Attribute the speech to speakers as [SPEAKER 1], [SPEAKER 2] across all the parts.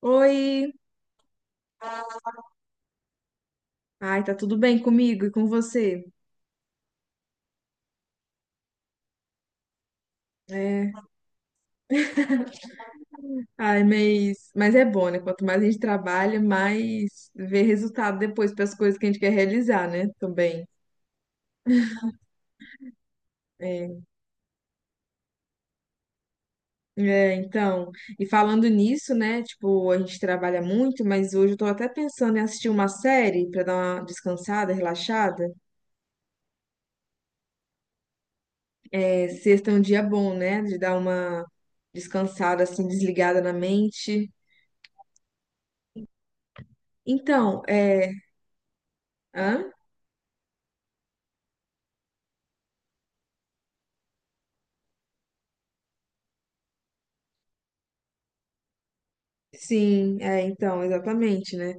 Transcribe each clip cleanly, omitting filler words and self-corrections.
[SPEAKER 1] Oi! Ai, tá tudo bem comigo e com você? É. Ai, mas é bom, né? Quanto mais a gente trabalha, mais vê resultado depois para as coisas que a gente quer realizar, né? Também. É. É, então, e falando nisso, né? Tipo, a gente trabalha muito, mas hoje eu tô até pensando em assistir uma série para dar uma descansada, relaxada. É, sexta é um dia bom, né? De dar uma descansada, assim, desligada na mente. Então, é. Hã? Sim, é, então, exatamente, né?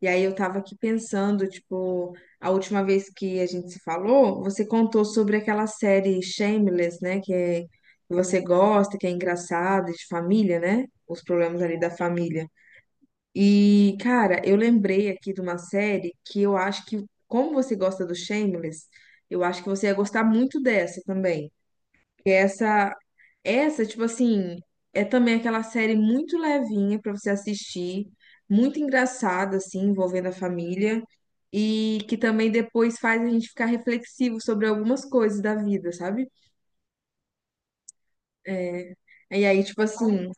[SPEAKER 1] E aí eu tava aqui pensando, tipo, a última vez que a gente se falou, você contou sobre aquela série Shameless, né? Que você gosta, que é engraçada, de família, né? Os problemas ali da família. E, cara, eu lembrei aqui de uma série que eu acho que, como você gosta do Shameless, eu acho que você ia gostar muito dessa também. Que é essa, tipo assim, é também aquela série muito levinha pra você assistir, muito engraçada, assim, envolvendo a família, e que também depois faz a gente ficar reflexivo sobre algumas coisas da vida, sabe? É, e aí, tipo assim,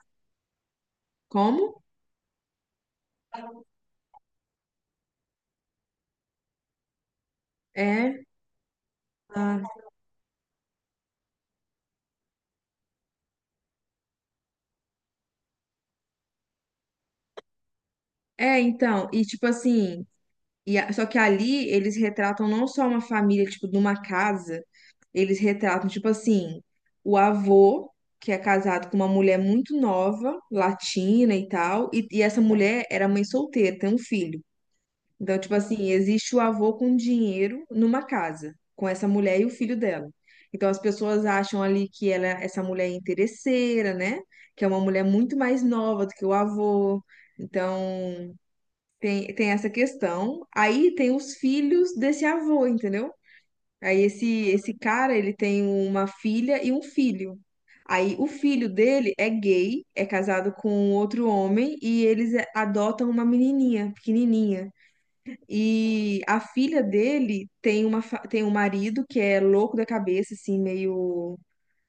[SPEAKER 1] como? É, ah, é, então, e tipo assim. Só que ali eles retratam não só uma família, tipo, numa casa, eles retratam, tipo assim, o avô, que é casado com uma mulher muito nova, latina e tal, e essa mulher era mãe solteira, tem um filho. Então, tipo assim, existe o avô com dinheiro numa casa, com essa mulher e o filho dela. Então, as pessoas acham ali que ela, essa mulher é interesseira, né? Que é uma mulher muito mais nova do que o avô. Então, tem essa questão. Aí tem os filhos desse avô, entendeu? Aí esse cara, ele tem uma filha e um filho. Aí o filho dele é gay, é casado com outro homem e eles adotam uma menininha, pequenininha. E a filha dele tem uma, tem um marido que é louco da cabeça, assim, meio,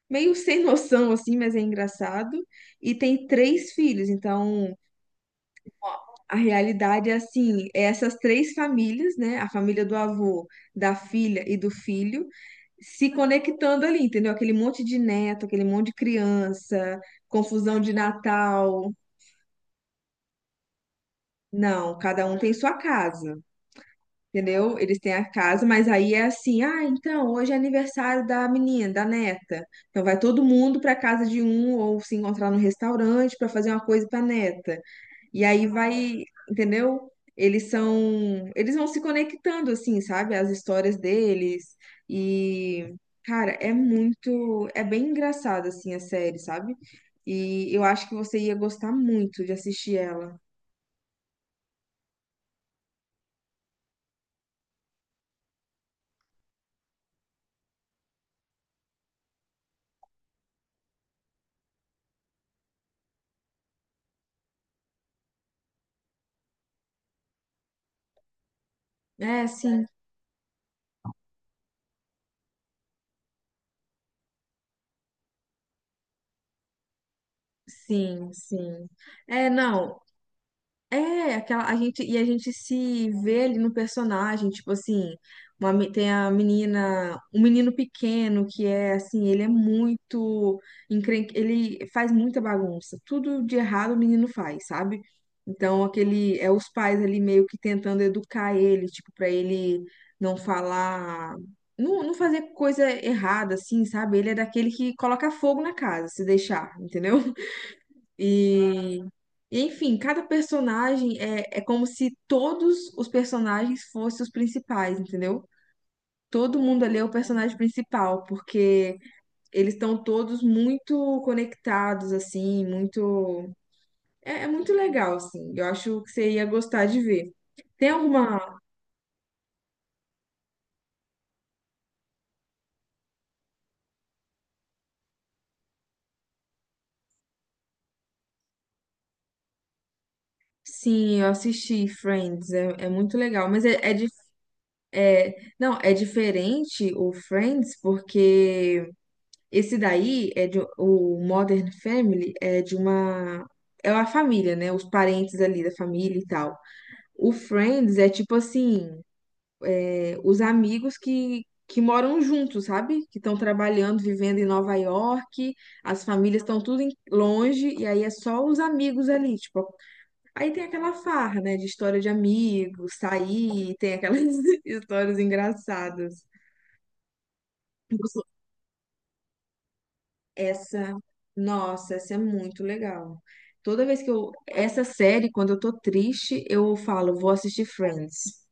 [SPEAKER 1] meio sem noção, assim, mas é engraçado. E tem três filhos, então a realidade é assim, é essas três famílias, né? A família do avô, da filha e do filho, se conectando ali, entendeu? Aquele monte de neto, aquele monte de criança, confusão de Natal. Não, cada um tem sua casa, entendeu? Eles têm a casa, mas aí é assim, ah, então hoje é aniversário da menina, da neta. Então vai todo mundo para casa de um ou se encontrar no restaurante para fazer uma coisa para neta. E aí vai, entendeu? Eles são, eles vão se conectando assim, sabe? As histórias deles e cara, é muito, é bem engraçada assim a série, sabe? E eu acho que você ia gostar muito de assistir ela. É, sim, sim, sim. É, não, É, aquela, a gente se vê ali no personagem, tipo assim, uma tem a menina, um menino pequeno que é assim, ele é muito ele faz muita bagunça, tudo de errado o menino faz, sabe? Então aquele é os pais ali meio que tentando educar ele, tipo, pra ele não falar, não, não fazer coisa errada assim, sabe? Ele é daquele que coloca fogo na casa, se deixar, entendeu? E Enfim, cada personagem é como se todos os personagens fossem os principais, entendeu? Todo mundo ali é o personagem principal, porque eles estão todos muito conectados, assim, muito. É, é muito legal, assim. Eu acho que você ia gostar de ver. Tem alguma. Sim, eu assisti Friends, é, é muito legal. Mas é, Não, é diferente o Friends, porque Esse daí é de um, o Modern Family é de uma é uma família, né? Os parentes ali da família e tal. O Friends é tipo assim, é, os amigos que moram juntos, sabe? Que estão trabalhando, vivendo em Nova York, as famílias estão tudo longe e aí é só os amigos ali, tipo. Aí tem aquela farra, né? De história de amigos, sair, tem aquelas histórias engraçadas. Essa, nossa, essa é muito legal. Toda vez que eu, essa série, quando eu tô triste, eu falo, vou assistir Friends.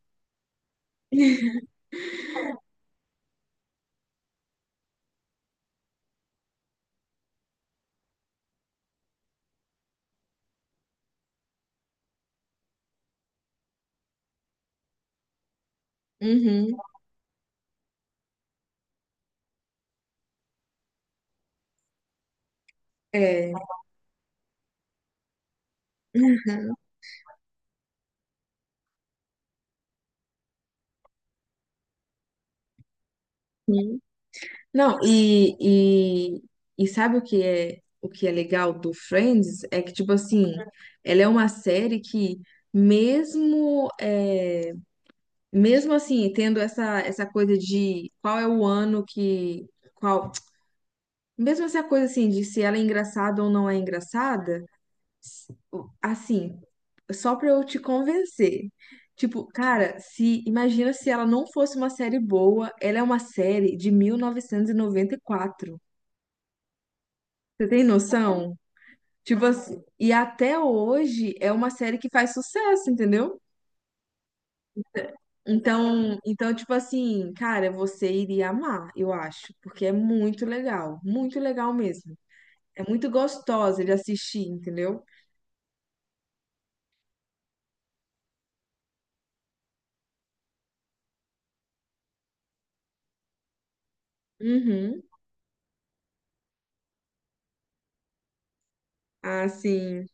[SPEAKER 1] Uhum, é. Uhum. Não, e sabe o que é legal do Friends? É que, tipo assim, ela é uma série que, mesmo, é, mesmo assim, tendo essa, essa coisa de qual é o ano que, qual, mesmo essa coisa assim, de se ela é engraçada ou não é engraçada, assim, só pra eu te convencer. Tipo, cara, se imagina se ela não fosse uma série boa, ela é uma série de mil novecentos e noventa e quatro. Você tem noção? Tipo assim, e até hoje é uma série que faz sucesso, entendeu? Então, tipo assim, cara, você iria amar, eu acho, porque é muito legal mesmo. É muito gostosa de assistir, entendeu? Uhum. Ah, sim.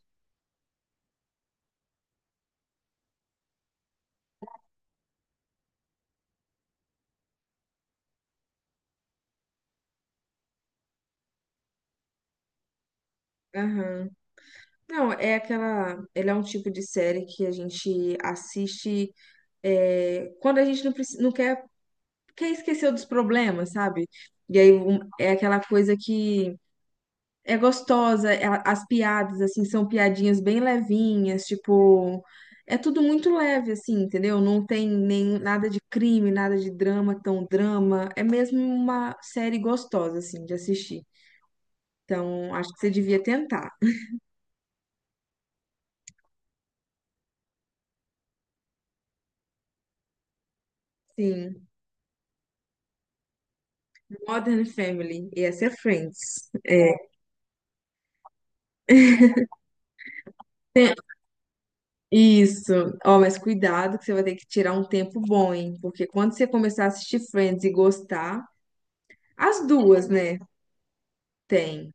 [SPEAKER 1] Aham. Não, é aquela. Ele é um tipo de série que a gente assiste é, quando a gente não quer esquecer dos problemas, sabe? E aí é aquela coisa que é gostosa, as piadas, assim, são piadinhas bem levinhas, tipo. É tudo muito leve, assim, entendeu? Não tem nem nada de crime, nada de drama, tão drama. É mesmo uma série gostosa, assim, de assistir. Então, acho que você devia tentar. Sim. Modern Family, e essa é Friends. É, tem- isso. Ó, mas cuidado que você vai ter que tirar um tempo bom, hein? Porque quando você começar a assistir Friends e gostar, as duas, né? Tem.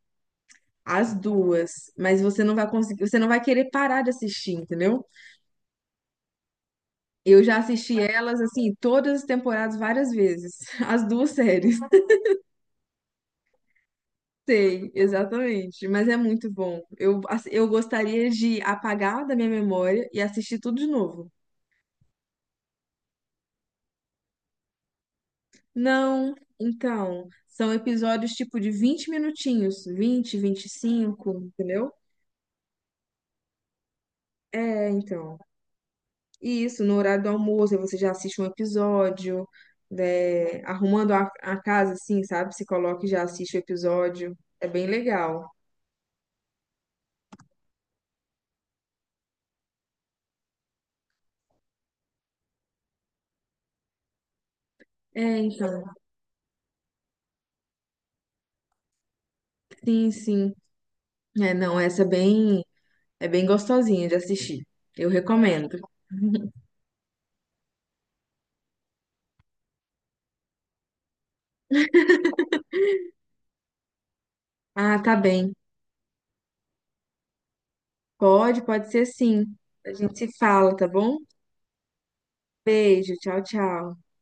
[SPEAKER 1] As duas, mas você não vai conseguir, você não vai querer parar de assistir, entendeu? Eu já assisti elas assim, todas as temporadas várias vezes, as duas séries. Sei, exatamente, mas é muito bom. Eu gostaria de apagar da minha memória e assistir tudo de novo. Não, então, são episódios tipo de 20 minutinhos, 20, 25, entendeu? É, então. E isso, no horário do almoço, aí você já assiste um episódio, né, arrumando a casa, assim, sabe? Se coloca e já assiste o episódio. É bem legal. É, então. Sim, sim. É, não, essa é bem gostosinha de assistir. Eu recomendo. Ah, tá bem. Pode, pode ser sim. A gente se fala, tá bom? Beijo, tchau, tchau.